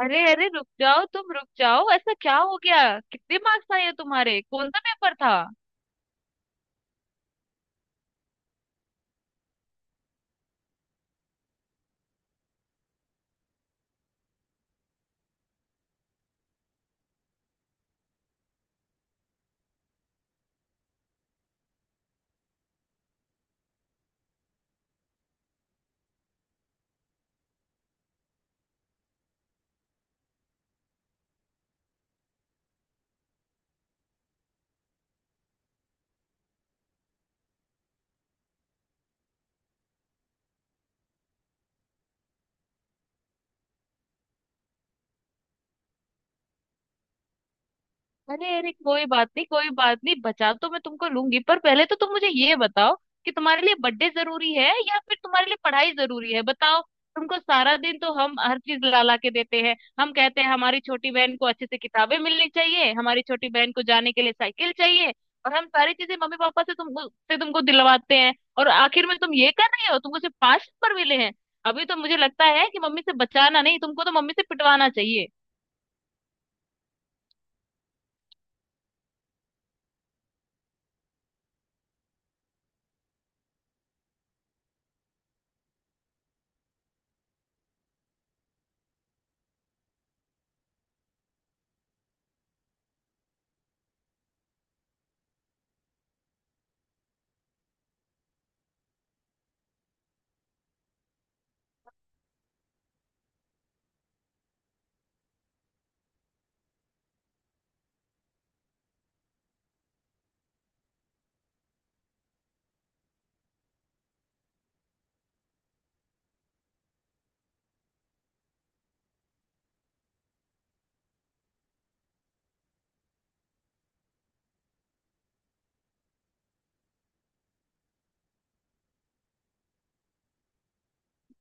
अरे अरे, रुक जाओ। तुम रुक जाओ। ऐसा क्या हो गया? कितने मार्क्स आए हैं तुम्हारे? कौन सा पेपर था? अरे अरे, कोई बात नहीं, कोई बात नहीं। बचा तो मैं तुमको लूंगी, पर पहले तो तुम मुझे ये बताओ कि तुम्हारे लिए बर्थडे जरूरी है या फिर तुम्हारे लिए पढ़ाई जरूरी है? बताओ। तुमको सारा दिन तो हम हर चीज ला ला के देते हैं। हम कहते हैं हमारी छोटी बहन को अच्छे से किताबें मिलनी चाहिए, हमारी छोटी बहन को जाने के लिए साइकिल चाहिए, और हम सारी चीजें मम्मी पापा से तुमको दिलवाते हैं। और आखिर में तुम ये कर रहे हो? तुमको सिर्फ पांच नंबर मिले हैं? अभी तो मुझे लगता है कि मम्मी से बचाना नहीं, तुमको तो मम्मी से पिटवाना चाहिए।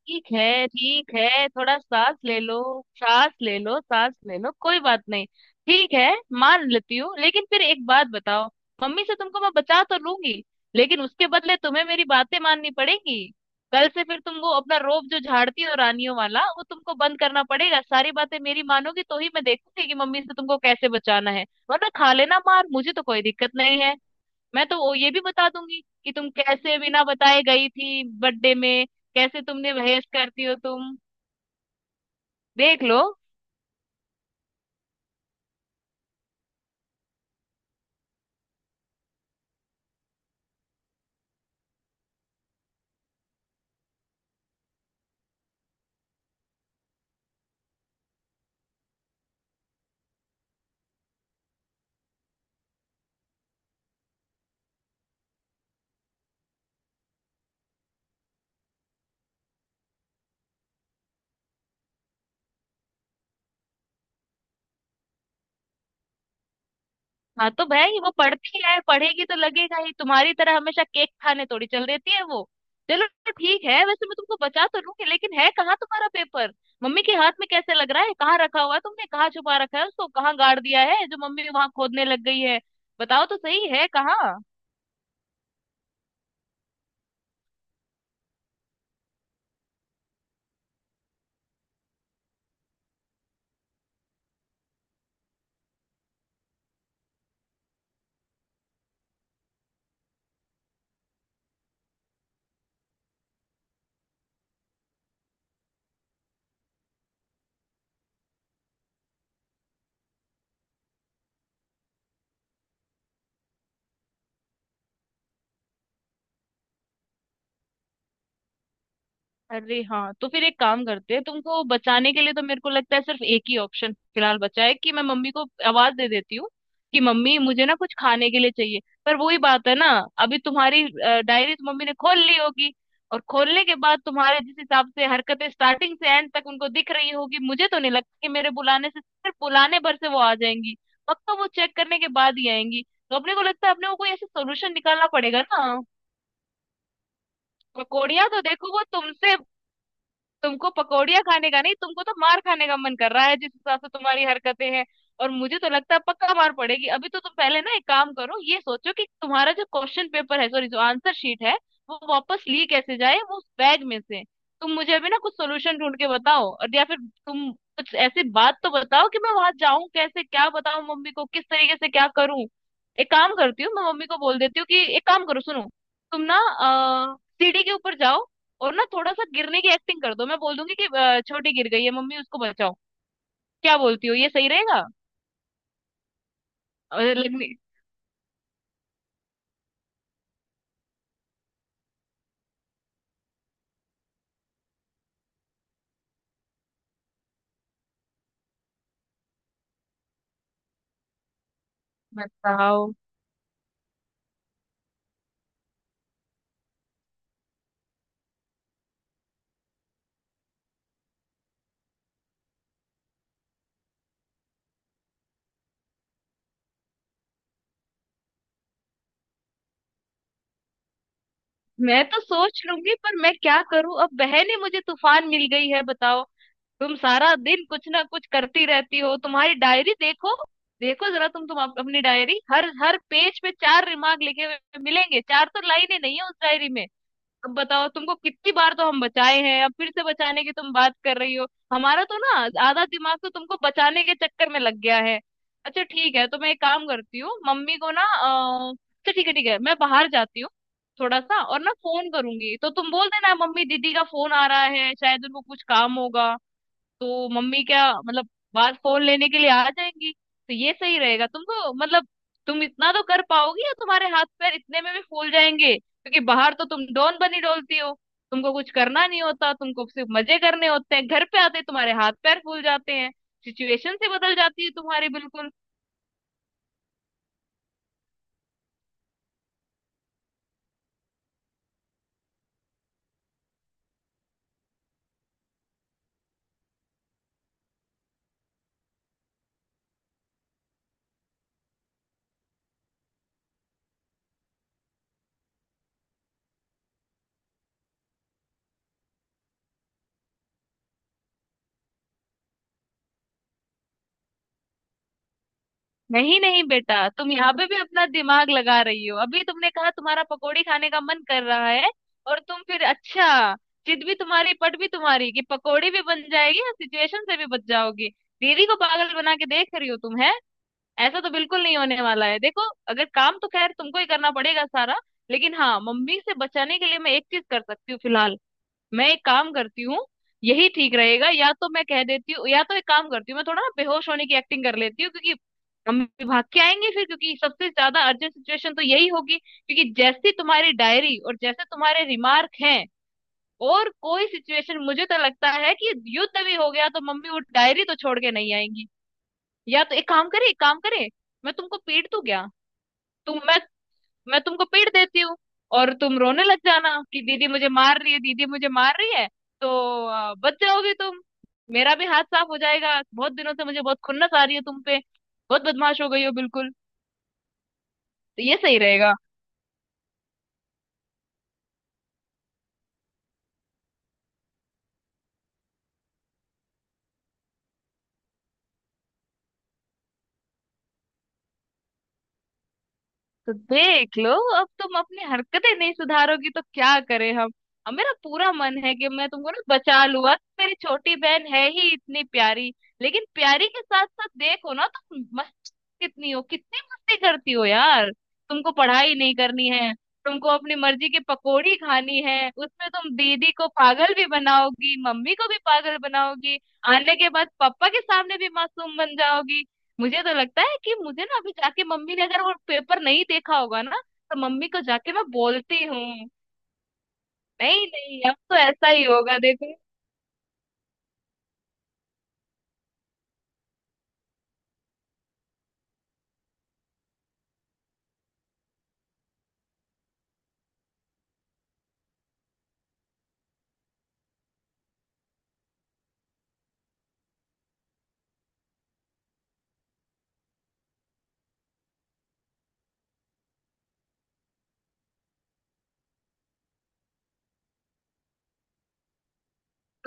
ठीक है ठीक है, थोड़ा सांस ले लो। सांस ले लो, सांस ले लो। कोई बात नहीं। ठीक है, मान लेती हूँ। लेकिन फिर एक बात बताओ। मम्मी से तुमको मैं बचा तो लूंगी, लेकिन उसके बदले तुम्हें मेरी बातें माननी पड़ेंगी। कल से फिर तुमको अपना रोब जो झाड़ती हो रानियों वाला, वो तुमको बंद करना पड़ेगा। सारी बातें मेरी मानोगी तो ही मैं देखूंगी कि मम्मी से तुमको कैसे बचाना है। वरना खा लेना मार, मुझे तो कोई दिक्कत नहीं है। मैं तो वो ये भी बता दूंगी कि तुम कैसे बिना बताए गई थी बर्थडे में, कैसे तुमने, बहस करती हो तुम। देख लो। हाँ तो भाई, वो पढ़ती है, पढ़ेगी तो लगेगा ही। तुम्हारी तरह हमेशा केक खाने थोड़ी चल देती है वो। चलो ठीक है, वैसे मैं तुमको बचा तो लूंगी, लेकिन है कहाँ तुम्हारा पेपर? मम्मी के हाथ में कैसे लग रहा है? कहाँ रखा हुआ है? तुमने कहाँ छुपा रखा है उसको? कहाँ गाड़ दिया है जो मम्मी वहां खोदने लग गई है? बताओ तो सही है कहाँ। अरे हाँ, तो फिर एक काम करते हैं। तुमको बचाने के लिए तो मेरे को लगता है सिर्फ एक ही ऑप्शन फिलहाल बचा है कि मैं मम्मी को आवाज दे देती हूँ कि मम्मी मुझे ना कुछ खाने के लिए चाहिए। पर वही बात है ना, अभी तुम्हारी डायरी तो मम्मी ने खोल ली होगी, और खोलने के बाद तुम्हारे जिस हिसाब से हरकतें स्टार्टिंग से एंड तक उनको दिख रही होगी, मुझे तो नहीं लगता कि मेरे बुलाने से, सिर्फ बुलाने भर से वो आ जाएंगी। पक्का वो चेक करने के बाद ही आएंगी। तो अपने को लगता है अपने को कोई ऐसा सोल्यूशन निकालना पड़ेगा ना। पकौड़िया तो देखो, वो तुमसे, तुमको पकौड़ियाँ खाने का नहीं, तुमको तो मार खाने का मन कर रहा है जिस हिसाब से तुम्हारी हरकतें हैं। और मुझे तो लगता है पक्का मार पड़ेगी। अभी तो तुम पहले ना एक काम करो, ये सोचो कि तुम्हारा जो क्वेश्चन पेपर है, सॉरी जो आंसर शीट है, वो वापस ली कैसे जाए, वो उस बैग में से। तुम मुझे अभी ना कुछ सोल्यूशन ढूंढ के बताओ, और या फिर तुम कुछ ऐसी बात तो बताओ कि मैं वहां जाऊं कैसे, क्या बताऊं मम्मी को, किस तरीके से क्या करूं। एक काम करती हूँ, मैं मम्मी को बोल देती हूँ कि एक काम करो, सुनो। तुम ना सीढ़ी के ऊपर जाओ, और ना थोड़ा सा गिरने की एक्टिंग कर दो। मैं बोल दूंगी कि छोटी गिर गई है मम्मी, उसको बचाओ। क्या बोलती हो, ये सही रहेगा? और लगने, बताओ। मैं तो सोच लूंगी, पर मैं क्या करूं? अब बहन ही मुझे तूफान मिल गई है, बताओ। तुम सारा दिन कुछ ना कुछ करती रहती हो। तुम्हारी डायरी देखो, देखो जरा। तुम अपनी डायरी, हर हर पेज पे चार रिमार्क लिखे हुए मिलेंगे। चार तो लाइनें नहीं है उस डायरी में। अब बताओ, तुमको कितनी बार तो हम बचाए हैं, अब फिर से बचाने की तुम बात कर रही हो। हमारा तो ना आधा दिमाग तो तुमको बचाने के चक्कर में लग गया है। अच्छा ठीक है, तो मैं एक काम करती हूँ, मम्मी को ना अच्छा ठीक है ठीक है, मैं बाहर जाती हूँ थोड़ा सा, और ना फोन करूंगी तो तुम बोल देना मम्मी दीदी का फोन आ रहा है, शायद उनको कुछ काम होगा। तो मम्मी क्या, मतलब बाहर फोन लेने के लिए आ जाएंगी, तो ये सही रहेगा। तुम तो मतलब, तुम इतना तो कर पाओगी या तुम्हारे हाथ पैर इतने में भी फूल जाएंगे? क्योंकि बाहर तो तुम डॉन बनी डोलती हो, तुमको कुछ करना नहीं होता, तुमको सिर्फ मजे करने होते हैं, घर पे आते ही तुम्हारे हाथ पैर फूल जाते हैं। सिचुएशन से बदल जाती है तुम्हारी बिल्कुल। नहीं नहीं बेटा, तुम यहाँ पे भी अपना दिमाग लगा रही हो। अभी तुमने कहा तुम्हारा पकोड़ी खाने का मन कर रहा है, और तुम फिर, अच्छा जिद भी तुम्हारी पट भी तुम्हारी, कि पकोड़ी भी बन जाएगी और सिचुएशन से भी बच जाओगी। दीदी को पागल बना के देख रही हो तुम, है? ऐसा तो बिल्कुल नहीं होने वाला है, देखो। अगर काम तो खैर तुमको ही करना पड़ेगा सारा, लेकिन हाँ, मम्मी से बचाने के लिए मैं एक चीज कर सकती हूँ फिलहाल। मैं एक काम करती हूँ, यही ठीक रहेगा। या तो मैं कह देती हूँ, या तो एक काम करती हूँ, मैं थोड़ा ना बेहोश होने की एक्टिंग कर लेती हूँ, क्योंकि हम भाग के आएंगे फिर, क्योंकि सबसे ज्यादा अर्जेंट सिचुएशन तो यही होगी, क्योंकि जैसी तुम्हारी डायरी और जैसे तुम्हारे रिमार्क हैं, और कोई सिचुएशन, मुझे तो लगता है कि युद्ध भी हो गया तो मम्मी वो डायरी तो छोड़ के नहीं आएंगी। या तो एक काम करे, मैं तुमको पीट दूं क्या? तुम, मैं तुमको पीट देती हूँ, और तुम रोने लग जाना कि दीदी मुझे मार रही है, दीदी मुझे मार रही है। तो बच जाओगी तुम, मेरा भी हाथ साफ हो जाएगा। बहुत दिनों से मुझे बहुत खुन्नस आ रही है तुम पे, बहुत बदमाश हो गई हो बिल्कुल। तो ये सही रहेगा। तो देख लो, अब तुम अपनी हरकतें नहीं सुधारोगी तो क्या करें हम। अब मेरा पूरा मन है कि मैं तुमको ना बचा लूँ, अब मेरी छोटी बहन है ही इतनी प्यारी। लेकिन प्यारी के साथ साथ देखो ना तुम, कितनी हो, कितनी मस्ती करती हो यार। तुमको पढ़ाई नहीं करनी है, तुमको अपनी मर्जी की पकोड़ी खानी है, उसमें तुम दीदी को पागल भी बनाओगी, मम्मी को भी पागल बनाओगी, आने के बाद पापा के सामने भी मासूम बन जाओगी। मुझे तो लगता है कि मुझे ना अभी जाके, मम्मी ने अगर वो पेपर नहीं देखा होगा ना, तो मम्मी को जाके मैं बोलती हूँ। नहीं नहीं, अब तो ऐसा ही होगा, देखो।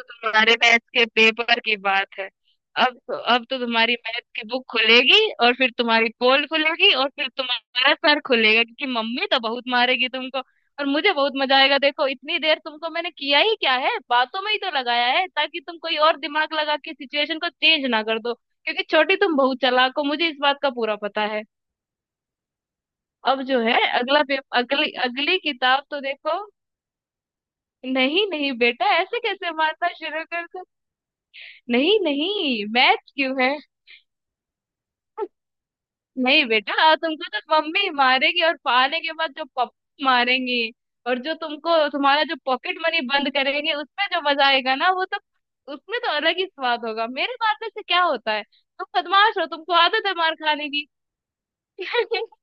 तुम्हारे मैथ्स के पेपर की बात है, अब तो, अब तो तुम्हारी मैथ की बुक खुलेगी, और फिर तुम्हारी पोल खुलेगी, और फिर तुम्हारा सर खुलेगा क्योंकि मम्मी तो बहुत मारेगी तुमको। और मुझे बहुत मजा आएगा। देखो इतनी देर तुमको मैंने किया ही क्या है, बातों में ही तो लगाया है, ताकि तुम कोई और दिमाग लगा के सिचुएशन को चेंज ना कर दो, क्योंकि छोटी तुम बहुत चालाक हो, मुझे इस बात का पूरा पता है। अब जो है अगला अगली अगली किताब तो देखो। नहीं नहीं बेटा, ऐसे कैसे मारना शुरू कर? नहीं नहीं, मैच क्यों है? नहीं बेटा, तुमको तो मम्मी मारेगी, और पाने के बाद जो पप मारेंगी, और जो तुमको तुम्हारा जो पॉकेट मनी बंद करेंगे उसमें जो मजा आएगा ना वो तो, उसमें तो अलग ही स्वाद होगा। मेरे मारने से क्या होता है? तुम बदमाश हो, तुमको आदत है मार खाने की।